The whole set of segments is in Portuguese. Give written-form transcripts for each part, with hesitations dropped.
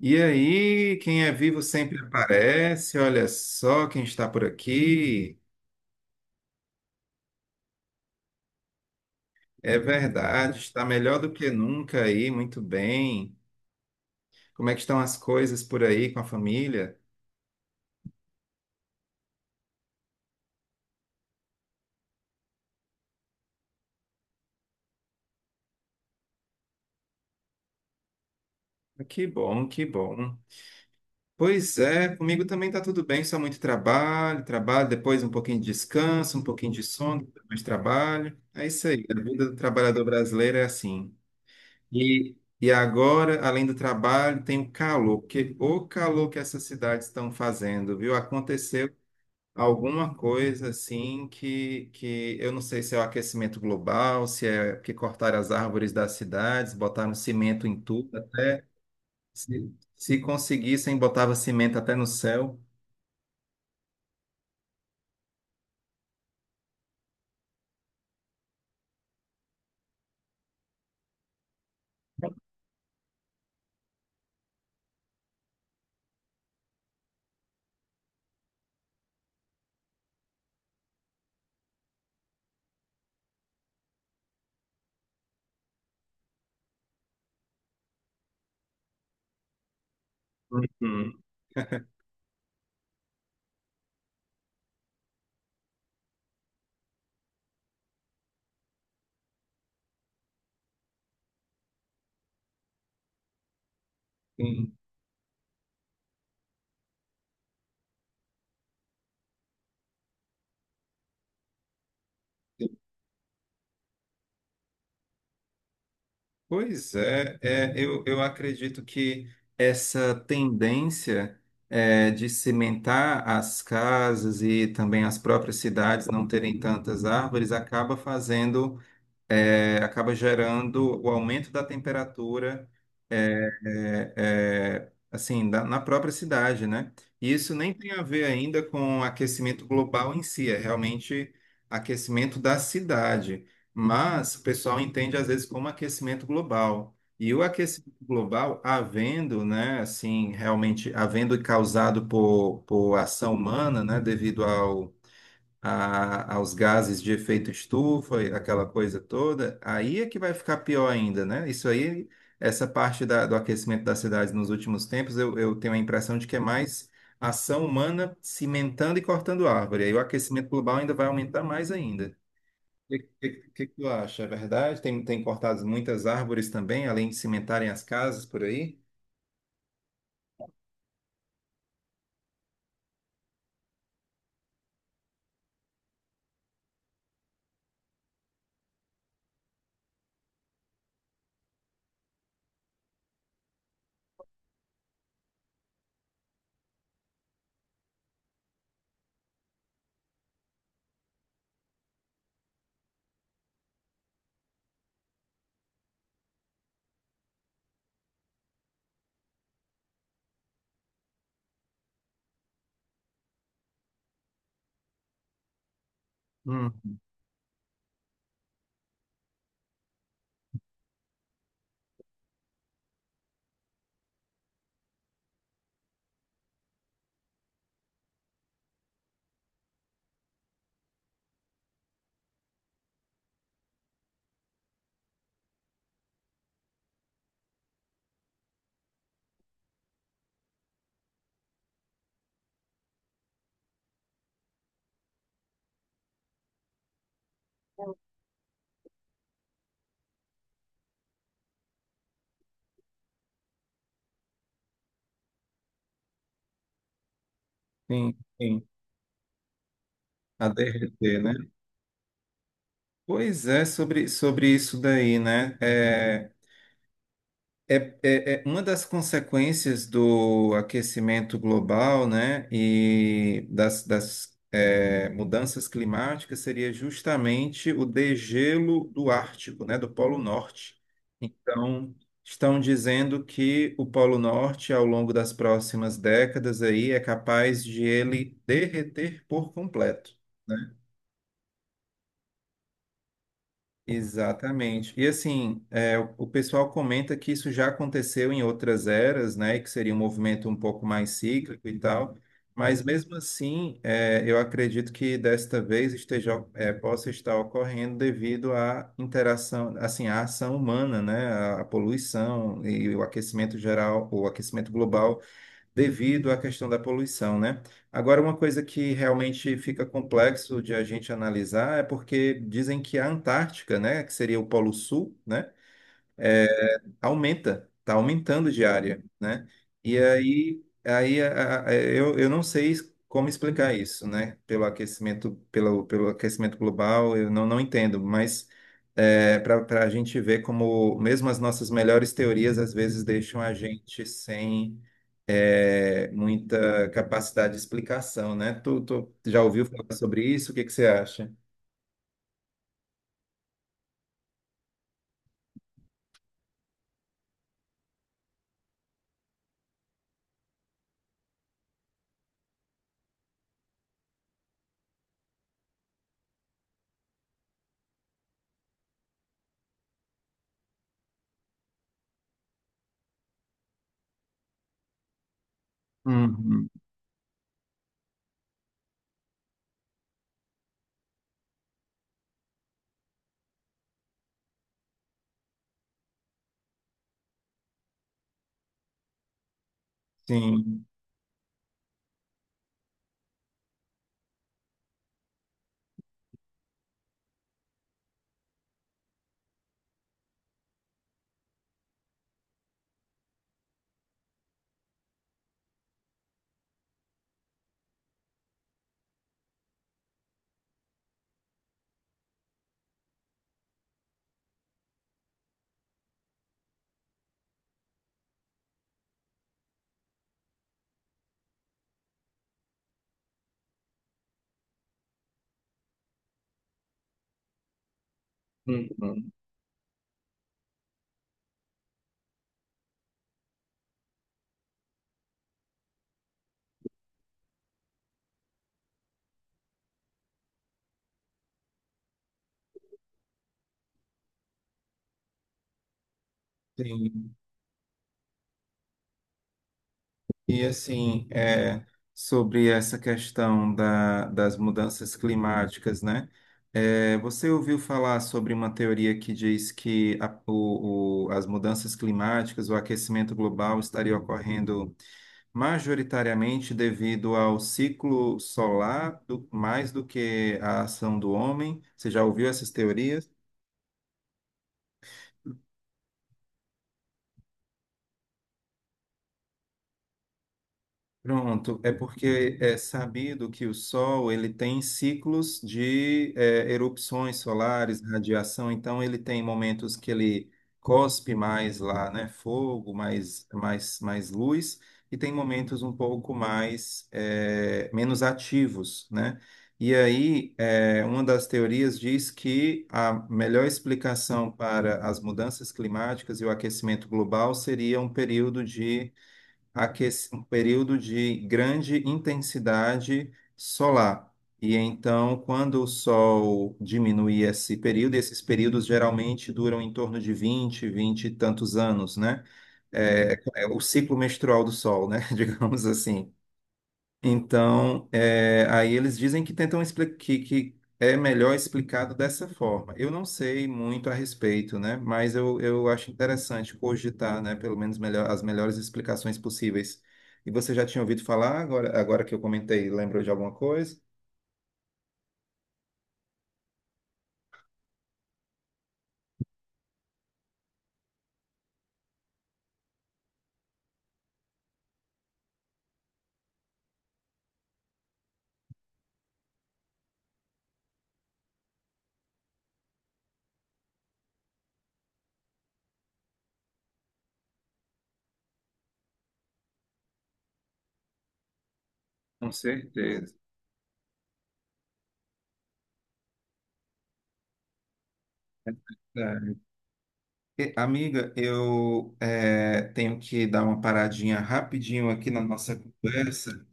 E aí, quem é vivo sempre aparece. Olha só quem está por aqui. É verdade, está melhor do que nunca aí, muito bem. Como é que estão as coisas por aí com a família? Ah, que bom, que bom. Pois é, comigo também está tudo bem, só muito trabalho, trabalho, depois um pouquinho de descanso, um pouquinho de sono, depois mais trabalho. É isso aí, a vida do trabalhador brasileiro é assim. E, e agora, além do trabalho, tem o calor, porque o calor que essas cidades estão fazendo, viu? Aconteceu alguma coisa assim que eu não sei se é o aquecimento global, se é que cortaram as árvores das cidades, botaram cimento em tudo, até se conseguissem, botava cimento até no céu. Uhum. Pois é, eu acredito que essa tendência de cimentar as casas e também as próprias cidades não terem tantas árvores acaba fazendo, acaba gerando o aumento da temperatura assim, na própria cidade, né? E isso nem tem a ver ainda com aquecimento global em si, é realmente aquecimento da cidade. Mas o pessoal entende às vezes como aquecimento global. E o aquecimento global, havendo, né, assim, realmente havendo causado por ação humana, né, devido ao aos gases de efeito estufa, e aquela coisa toda, aí é que vai ficar pior ainda, né? Isso aí, essa parte do aquecimento das cidades nos últimos tempos, eu tenho a impressão de que é mais ação humana cimentando e cortando árvore. Aí o aquecimento global ainda vai aumentar mais ainda. O que tu acha? É verdade? Tem cortado muitas árvores também, além de cimentarem as casas por aí? Hum, sim, sim. A derreter, né? Pois é, sobre isso daí, né? É, é- é uma das consequências do aquecimento global, né, e das mudanças climáticas seria justamente o degelo do Ártico, né, do Polo Norte. Então, estão dizendo que o Polo Norte, ao longo das próximas décadas aí, é capaz de ele derreter por completo. Né? Exatamente. E assim, é, o pessoal comenta que isso já aconteceu em outras eras, né? Que seria um movimento um pouco mais cíclico e tal. Mas mesmo assim, eu acredito que desta vez esteja, possa estar ocorrendo devido à interação, assim, à ação humana, né? A poluição e o aquecimento geral, o aquecimento global devido à questão da poluição, né? Agora, uma coisa que realmente fica complexo de a gente analisar é porque dizem que a Antártica, né, que seria o Polo Sul, né? Aumenta, está aumentando de área, né? E aí, eu não sei como explicar isso, né? Pelo aquecimento, pelo aquecimento global, eu não entendo, mas para a gente ver como mesmo as nossas melhores teorias às vezes deixam a gente sem muita capacidade de explicação, né? Tu já ouviu falar sobre isso? O que que você acha? Uhum. Sim. Uhum. Sim. E assim, sobre essa questão das mudanças climáticas, né? É, você ouviu falar sobre uma teoria que diz que as mudanças climáticas, o aquecimento global estaria ocorrendo majoritariamente devido ao ciclo solar mais do que a ação do homem? Você já ouviu essas teorias? Pronto, é porque é sabido que o Sol ele tem ciclos de erupções solares, radiação, então ele tem momentos que ele cospe mais lá, né, fogo, mais luz, e tem momentos um pouco mais menos ativos, né? E aí, uma das teorias diz que a melhor explicação para as mudanças climáticas e o aquecimento global seria um período de um período de grande intensidade solar. E então, quando o Sol diminui esse período, esses períodos geralmente duram em torno de 20 e tantos anos, né? É, é o ciclo menstrual do Sol, né? Digamos assim. Então, aí eles dizem que tentam explicar que é melhor explicado dessa forma. Eu não sei muito a respeito, né? Mas eu acho interessante cogitar, né? Pelo menos melhor, as melhores explicações possíveis. E você já tinha ouvido falar, agora, agora que eu comentei, lembrou de alguma coisa? Com certeza. É. E, amiga, eu tenho que dar uma paradinha rapidinho aqui na nossa conversa.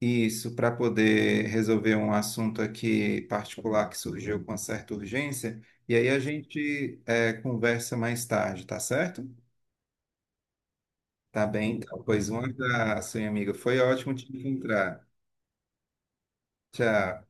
Isso, para poder resolver um assunto aqui particular que surgiu com certa urgência. E aí a gente conversa mais tarde, tá certo? Tá bem, então. Pois um abraço, minha amiga. Foi ótimo te encontrar. Tchau.